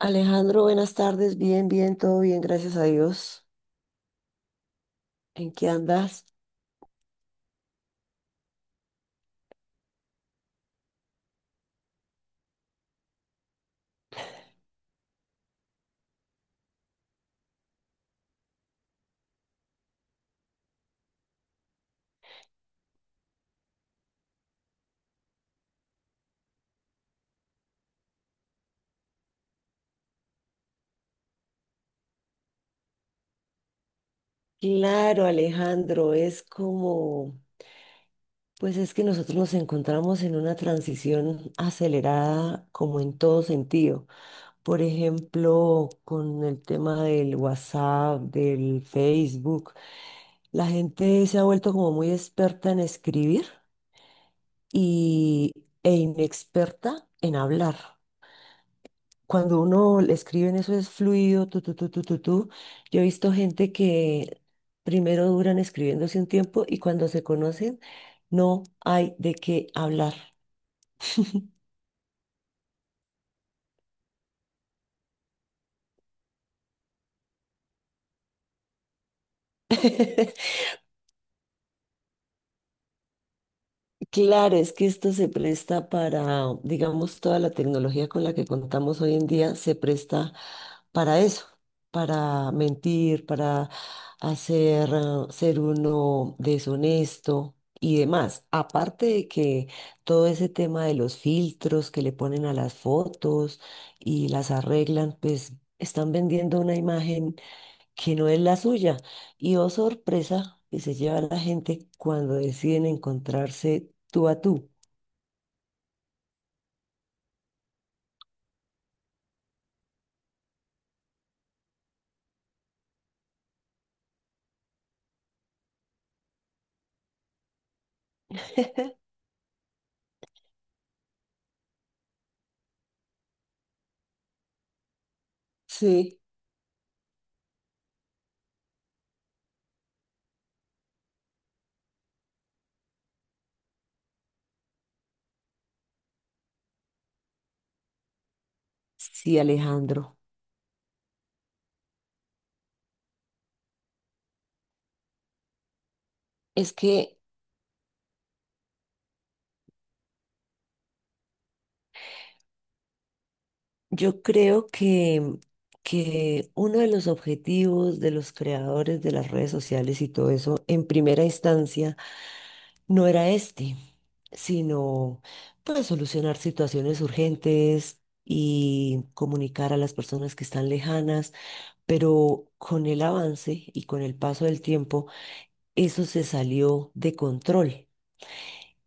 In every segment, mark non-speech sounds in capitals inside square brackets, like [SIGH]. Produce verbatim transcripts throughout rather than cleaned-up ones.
Alejandro, buenas tardes. Bien, bien, todo bien, gracias a Dios. ¿En qué andas? Claro, Alejandro, es como, pues es que nosotros nos encontramos en una transición acelerada como en todo sentido. Por ejemplo, con el tema del WhatsApp, del Facebook, la gente se ha vuelto como muy experta en escribir y, e inexperta en hablar. Cuando uno le escribe en eso es fluido, tú, tú, tú, tú, tú, tú. Yo he visto gente que primero duran escribiéndose un tiempo y cuando se conocen no hay de qué hablar. [LAUGHS] Claro, es que esto se presta para, digamos, toda la tecnología con la que contamos hoy en día se presta para eso, para mentir, para hacer, eh, ser uno deshonesto y demás. Aparte de que todo ese tema de los filtros que le ponen a las fotos y las arreglan, pues están vendiendo una imagen que no es la suya. Y oh sorpresa que se lleva la gente cuando deciden encontrarse tú a tú. Sí, sí, Alejandro. Es que yo creo que, que uno de los objetivos de los creadores de las redes sociales y todo eso, en primera instancia, no era este, sino pues solucionar situaciones urgentes y comunicar a las personas que están lejanas. Pero con el avance y con el paso del tiempo, eso se salió de control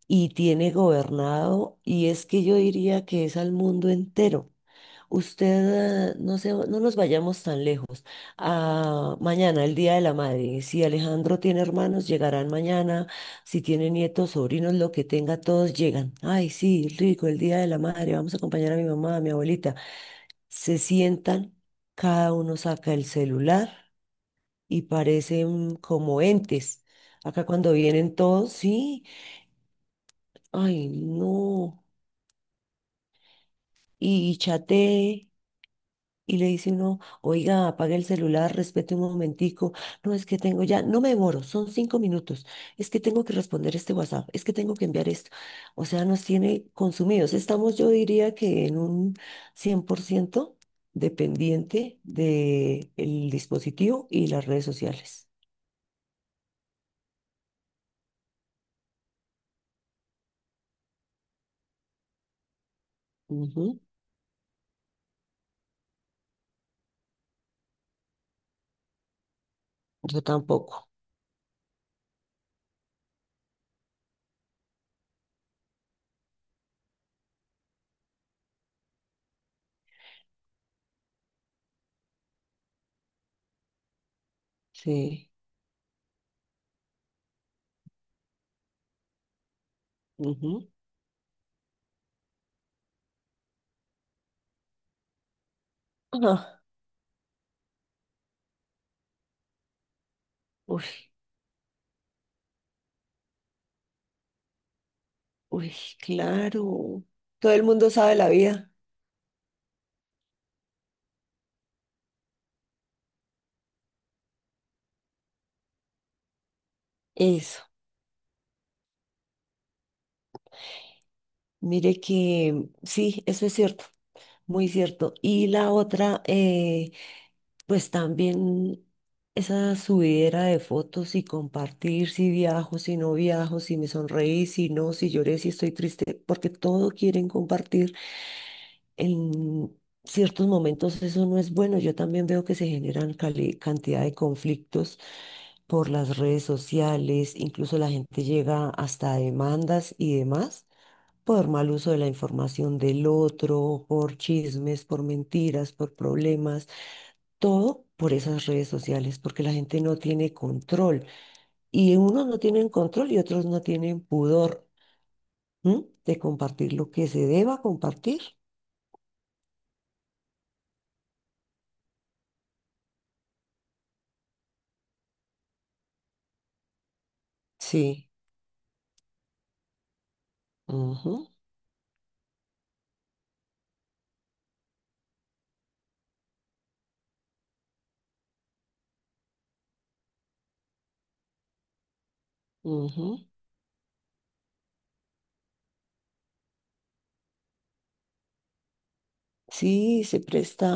y tiene gobernado, y es que yo diría que es al mundo entero. Usted, eh, no se- no nos vayamos tan lejos. Ah, mañana, el Día de la Madre. Si Alejandro tiene hermanos, llegarán mañana. Si tiene nietos, sobrinos, lo que tenga, todos llegan. Ay, sí, rico, el Día de la Madre. Vamos a acompañar a mi mamá, a mi abuelita. Se sientan, cada uno saca el celular y parecen como entes. Acá cuando vienen todos, sí, ay, no. Y chateé y le dice uno, oiga, apague el celular, respete un momentico. No, es que tengo ya, no me demoro, son cinco minutos. Es que tengo que responder este WhatsApp, es que tengo que enviar esto. O sea, nos tiene consumidos. Estamos, yo diría que en un cien por ciento dependiente del dispositivo y las redes sociales. Ujú. Yo tampoco, sí. Ujú. Ajá. Uy, uy, claro. Todo el mundo sabe la vida. Eso. Mire que sí, eso es cierto, muy cierto. Y la otra, eh, pues también esa subidera de fotos y compartir si viajo, si no viajo, si me sonreí, si no, si lloré, si estoy triste, porque todo quieren compartir. En ciertos momentos eso no es bueno. Yo también veo que se generan cali- cantidad de conflictos por las redes sociales, incluso la gente llega hasta a demandas y demás por mal uso de la información del otro, por chismes, por mentiras, por problemas, todo por esas redes sociales, porque la gente no tiene control y unos no tienen control y otros no tienen pudor, ¿m? De compartir lo que se deba compartir. Sí. Ujú, ujú. Sí, se presta.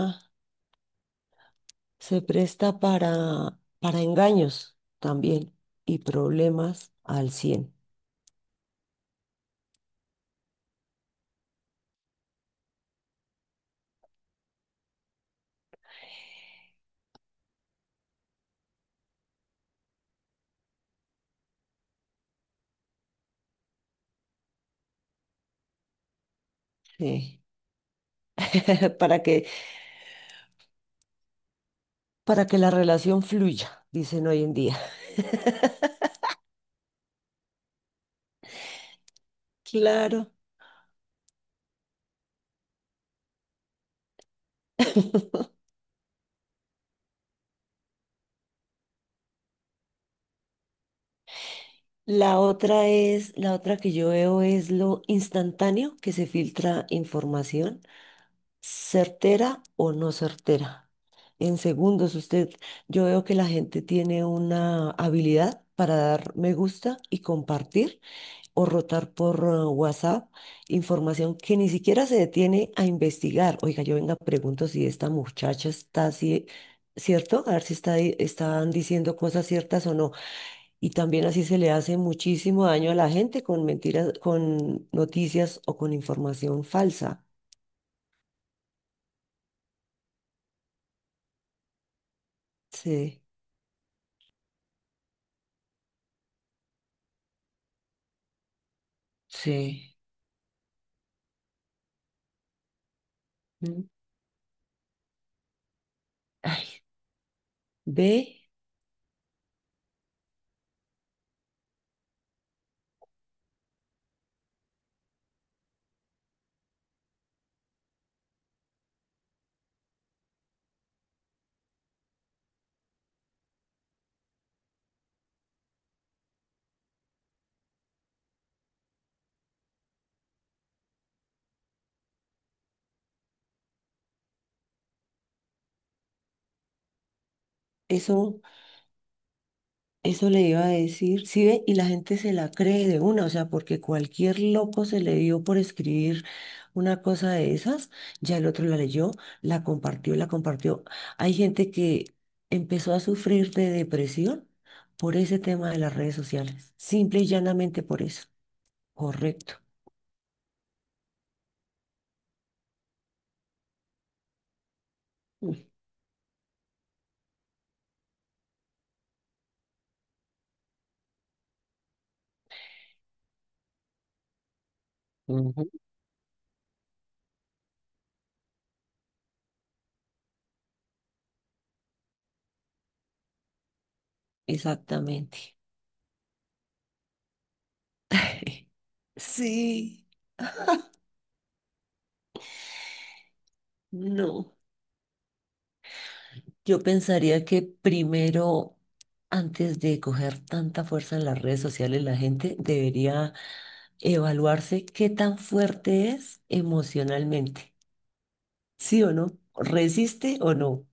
Se presta para, para engaños también y problemas al cien. Sí. [LAUGHS] Para que, para que la relación fluya, dicen hoy en día. Claro. La otra es, la otra que yo veo es lo instantáneo que se filtra información, certera o no certera. En segundos, usted, yo veo que la gente tiene una habilidad para dar me gusta y compartir o rotar por uh, WhatsApp información que ni siquiera se detiene a investigar. Oiga, yo venga, pregunto si esta muchacha está así, ¿cierto? A ver si está, di- están diciendo cosas ciertas o no. Y también así se le hace muchísimo daño a la gente con mentiras, con noticias o con información falsa. Sí, sí. Mm, ay, ve eso. Eso le iba a decir, sí ve, y la gente se la cree de una, o sea, porque cualquier loco se le dio por escribir una cosa de esas, ya el otro la leyó, la compartió, la compartió. Hay gente que empezó a sufrir de depresión por ese tema de las redes sociales, simple y llanamente por eso. Correcto. Mm, ujú. Exactamente. [LAUGHS] Sí, no. Yo pensaría que primero, antes de coger tanta fuerza en las redes sociales, la gente debería evaluarse qué tan fuerte es emocionalmente. ¿Sí o no? ¿Resiste o no?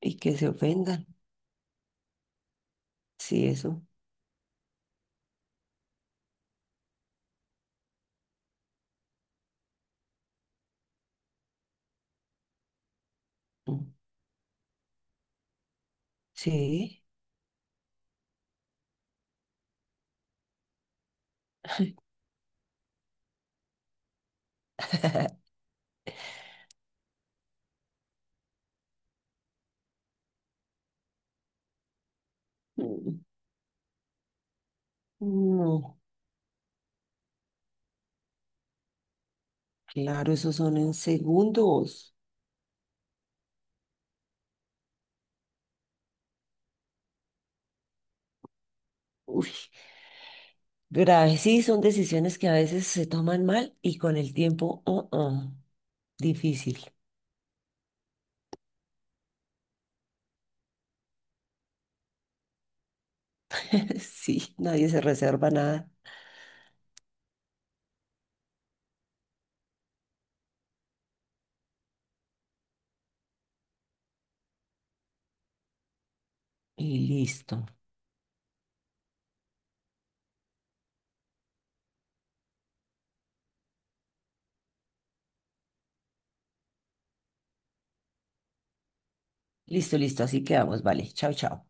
Y que se ofendan. Sí, eso. Mm, sí. [LAUGHS] Mm, no, claro, esos son en segundos. Uy, graves. Sí, son decisiones que a veces se toman mal y con el tiempo, oh, oh, difícil. [LAUGHS] Sí, nadie se reserva nada. Y listo. Listo, listo. Así quedamos. Vale. Chao, chao.